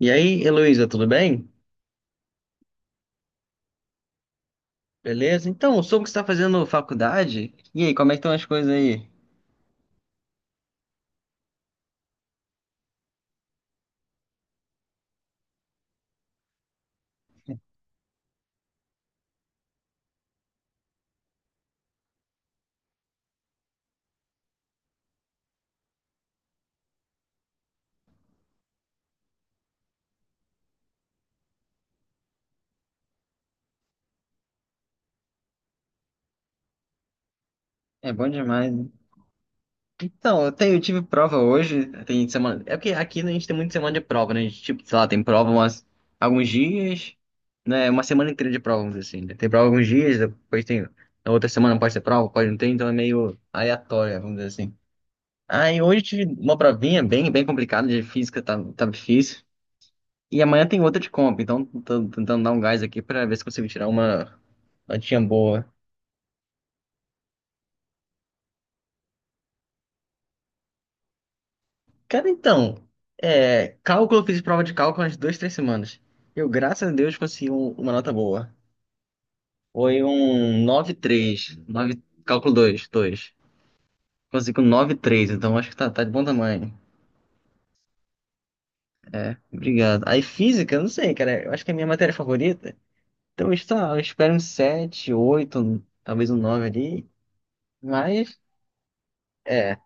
E aí, Heloísa, tudo bem? Beleza? Então, eu soube que você está fazendo faculdade. E aí, como é que estão as coisas aí? É bom demais, né? Então, eu tive prova hoje, tem semana. É porque aqui a gente tem muita semana de prova, né? A gente, tipo, sei lá, tem prova umas, alguns dias, né? Uma semana inteira de prova, vamos dizer assim. Né? Tem prova alguns dias, depois tem. Na outra semana pode ter prova, pode não ter, então é meio aleatória, vamos dizer assim. Aí hoje eu tive uma provinha bem complicada de física, tá difícil. E amanhã tem outra de comp, então tô tentando dar um gás aqui pra ver se consigo tirar uma notinha boa. Cara, então, é, cálculo, eu fiz prova de cálculo umas duas, três semanas. Eu, graças a Deus, uma nota boa. Foi um nove vírgula três nove cálculo 2 2. Consegui um nove vírgula três, então acho que tá de bom tamanho. É, obrigado. Aí física, eu não sei, cara, eu acho que é a minha matéria favorita. Então, está, eu espero um 7 8 talvez um 9 ali, mas... É.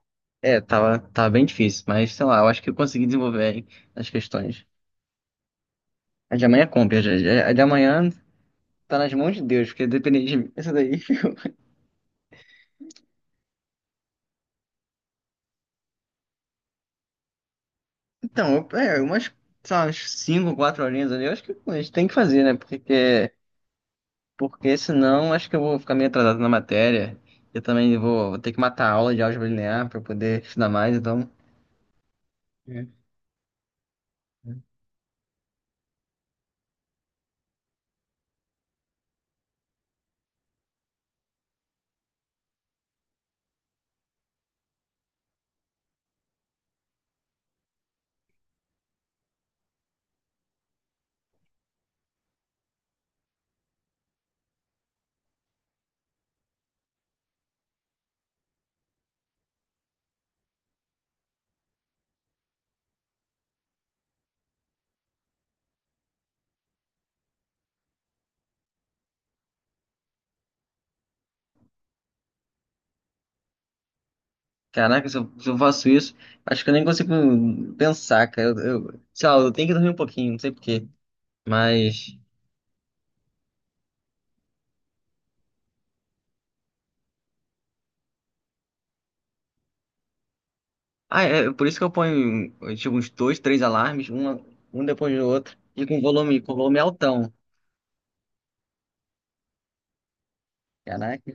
É, tava bem difícil, mas sei lá, eu acho que eu consegui desenvolver as questões. A de amanhã é compra, a de amanhã tá nas mãos de Deus, porque depende de mim, essa daí. Então, sei lá, umas 5, 4 horinhas ali, eu acho que a gente tem que fazer, né? Porque senão acho que eu vou ficar meio atrasado na matéria. Eu também vou ter que matar a aula de álgebra linear pra poder estudar mais, então. É. Caraca, se eu faço isso, acho que eu nem consigo pensar, cara. Sei lá, eu tenho que dormir um pouquinho, não sei por quê. Mas. Ah, é por isso que eu ponho tipo, uns dois, três alarmes, um depois do outro, e com volume altão. Caraca.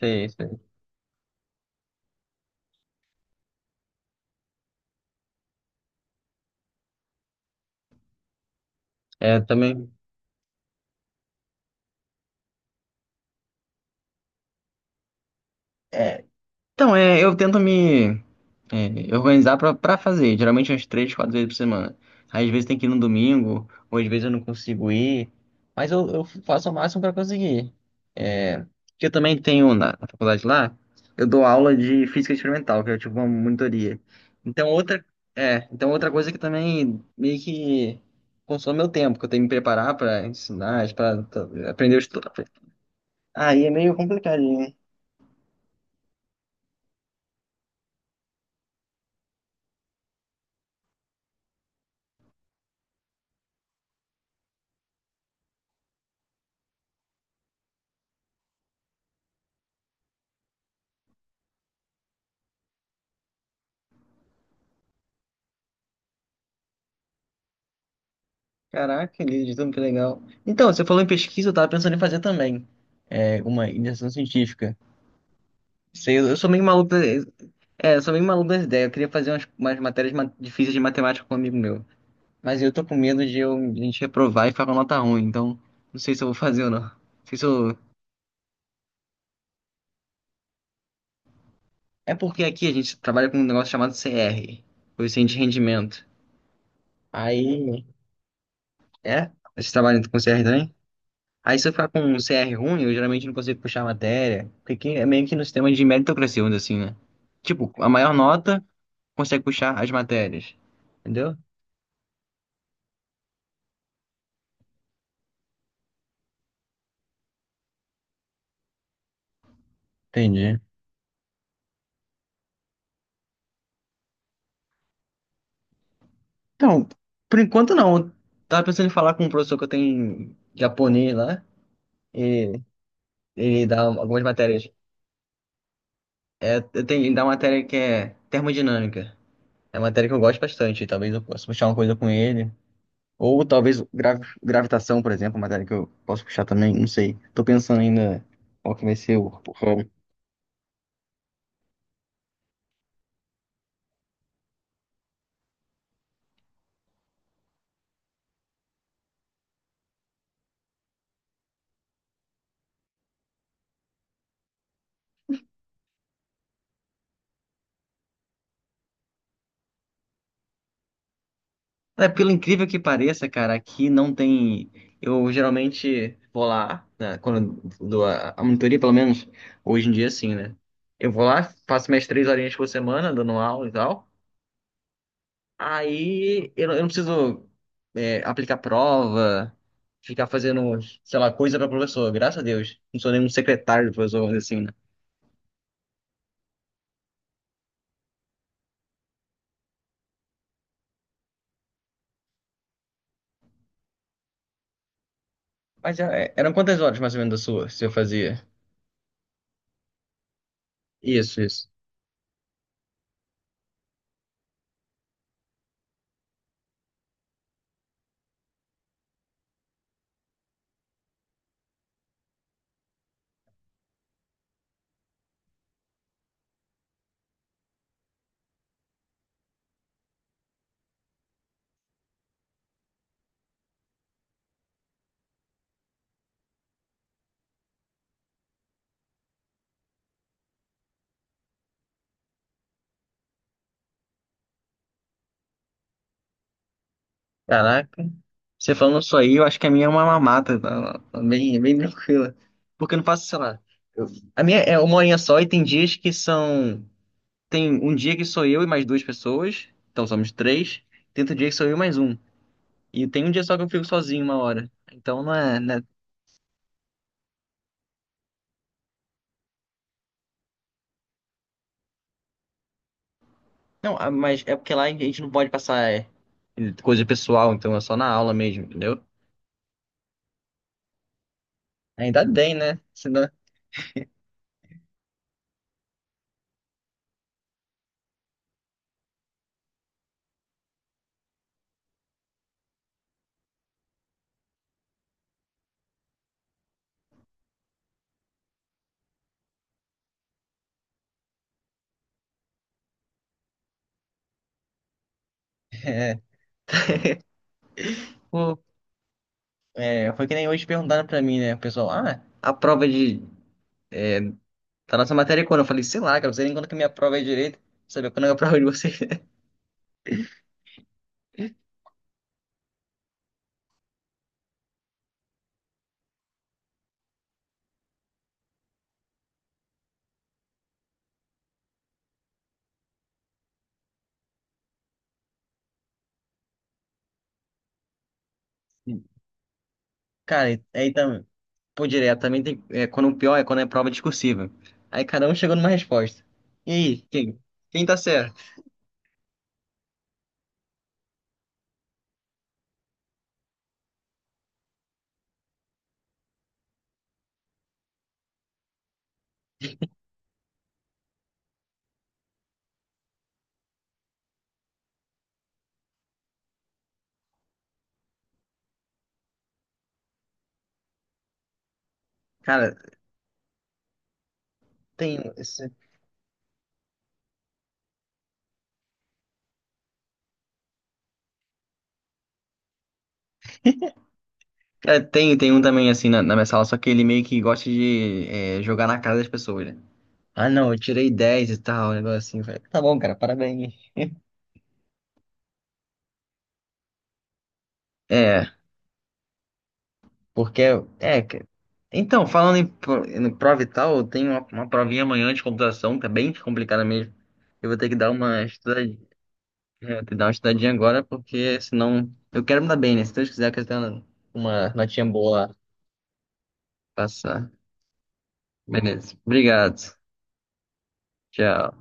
Sei, sei. É, também. É, então, é, eu tento me. É, organizar pra, pra fazer, geralmente umas três, quatro vezes por semana. Às vezes tem que ir no domingo, ou às vezes eu não consigo ir, mas eu faço o máximo pra conseguir. É, que eu também tenho na faculdade lá, eu dou aula de física experimental, que é tipo uma monitoria. Então outra, então outra coisa que também meio que consome meu tempo, que eu tenho que me preparar pra ensinar, aprender o estudo. Aí é meio complicado. Caraca, Lidiano, que legal. Então, você falou em pesquisa, eu tava pensando em fazer também. É, uma iniciação científica. Sei, eu sou meio maluco. Eu sou meio maluco das ideias. Eu queria fazer umas difíceis de matemática com um amigo meu. Mas eu tô com medo de a gente reprovar e ficar com nota ruim, então não sei se eu vou fazer ou não. Não sei se eu... É porque aqui a gente trabalha com um negócio chamado CR, coeficiente de rendimento. Aí. É? Vocês trabalham com CR também? Aí se eu ficar com um CR ruim, eu geralmente não consigo puxar a matéria, porque aqui é meio que no sistema de meritocracia, vamos dizer assim, né? Tipo, a maior nota consegue puxar as matérias, entendeu? Entendi. Então, por enquanto não. Eu tava pensando em falar com um professor que eu tenho em japonês lá, e ele dá algumas matérias. É, eu tenho, ele dá uma matéria que é termodinâmica. É uma matéria que eu gosto bastante, talvez eu possa puxar uma coisa com ele. Ou talvez gravitação, por exemplo, matéria que eu posso puxar também, não sei. Tô pensando ainda qual que vai ser o ramo. É, pelo incrível que pareça, cara, aqui não tem. Eu geralmente vou lá, né, quando eu dou a monitoria, pelo menos hoje em dia, assim, né? Eu vou lá, faço minhas três horinhas por semana, dando aula e tal. Aí eu, não Eu não preciso aplicar prova, ficar fazendo, sei lá, coisa para professor, graças a Deus. Não sou nenhum secretário do professor, vamos dizer assim, né. Mas é, eram quantas horas mais ou menos da sua, se eu fazia? Isso, isso. Caraca. Você falando isso aí, eu acho que a minha é uma mamata, tá? Tá bem tranquila. Porque eu não faço, sei lá. eu- a minha é uma horinha só e tem dias que são. Tem um dia que sou eu e mais duas pessoas, então somos três. Tem outro dia que sou eu e mais um. E tem um dia só que eu fico sozinho uma hora. Então não é, né? Não, ah, mas é porque lá a gente não pode passar coisa pessoal, então é só na aula mesmo, entendeu? Ainda bem, né? Senão, é. É, foi que nem hoje perguntaram pra mim, né? O pessoal, ah, a prova de... da nossa matéria é quando? Eu falei, sei lá, cara, não sei nem quando que a minha prova é direito. Saber quando é a prova de vocês. Cara, pô, direto, também tem. É, quando o pior é quando é prova discursiva. Aí cada um chegou numa resposta. E aí, quem? Quem tá certo? Cara, tem. esse- Cara, tem um também assim na minha sala, só que ele meio que gosta de jogar na cara das pessoas, né? Ah, não, eu tirei 10 e tal, um negócio assim. Eu falei, tá bom, cara, parabéns. É. Porque, é, que- então, em prova e tal, eu tenho uma provinha amanhã de computação, tá bem complicada mesmo. Eu vou ter que dar uma estudadinha, dar uma estudadinha agora, porque senão eu quero me dar bem, né? Se Deus quiser, eu quero ter uma notinha boa lá, passar. Beleza. Obrigado. Tchau.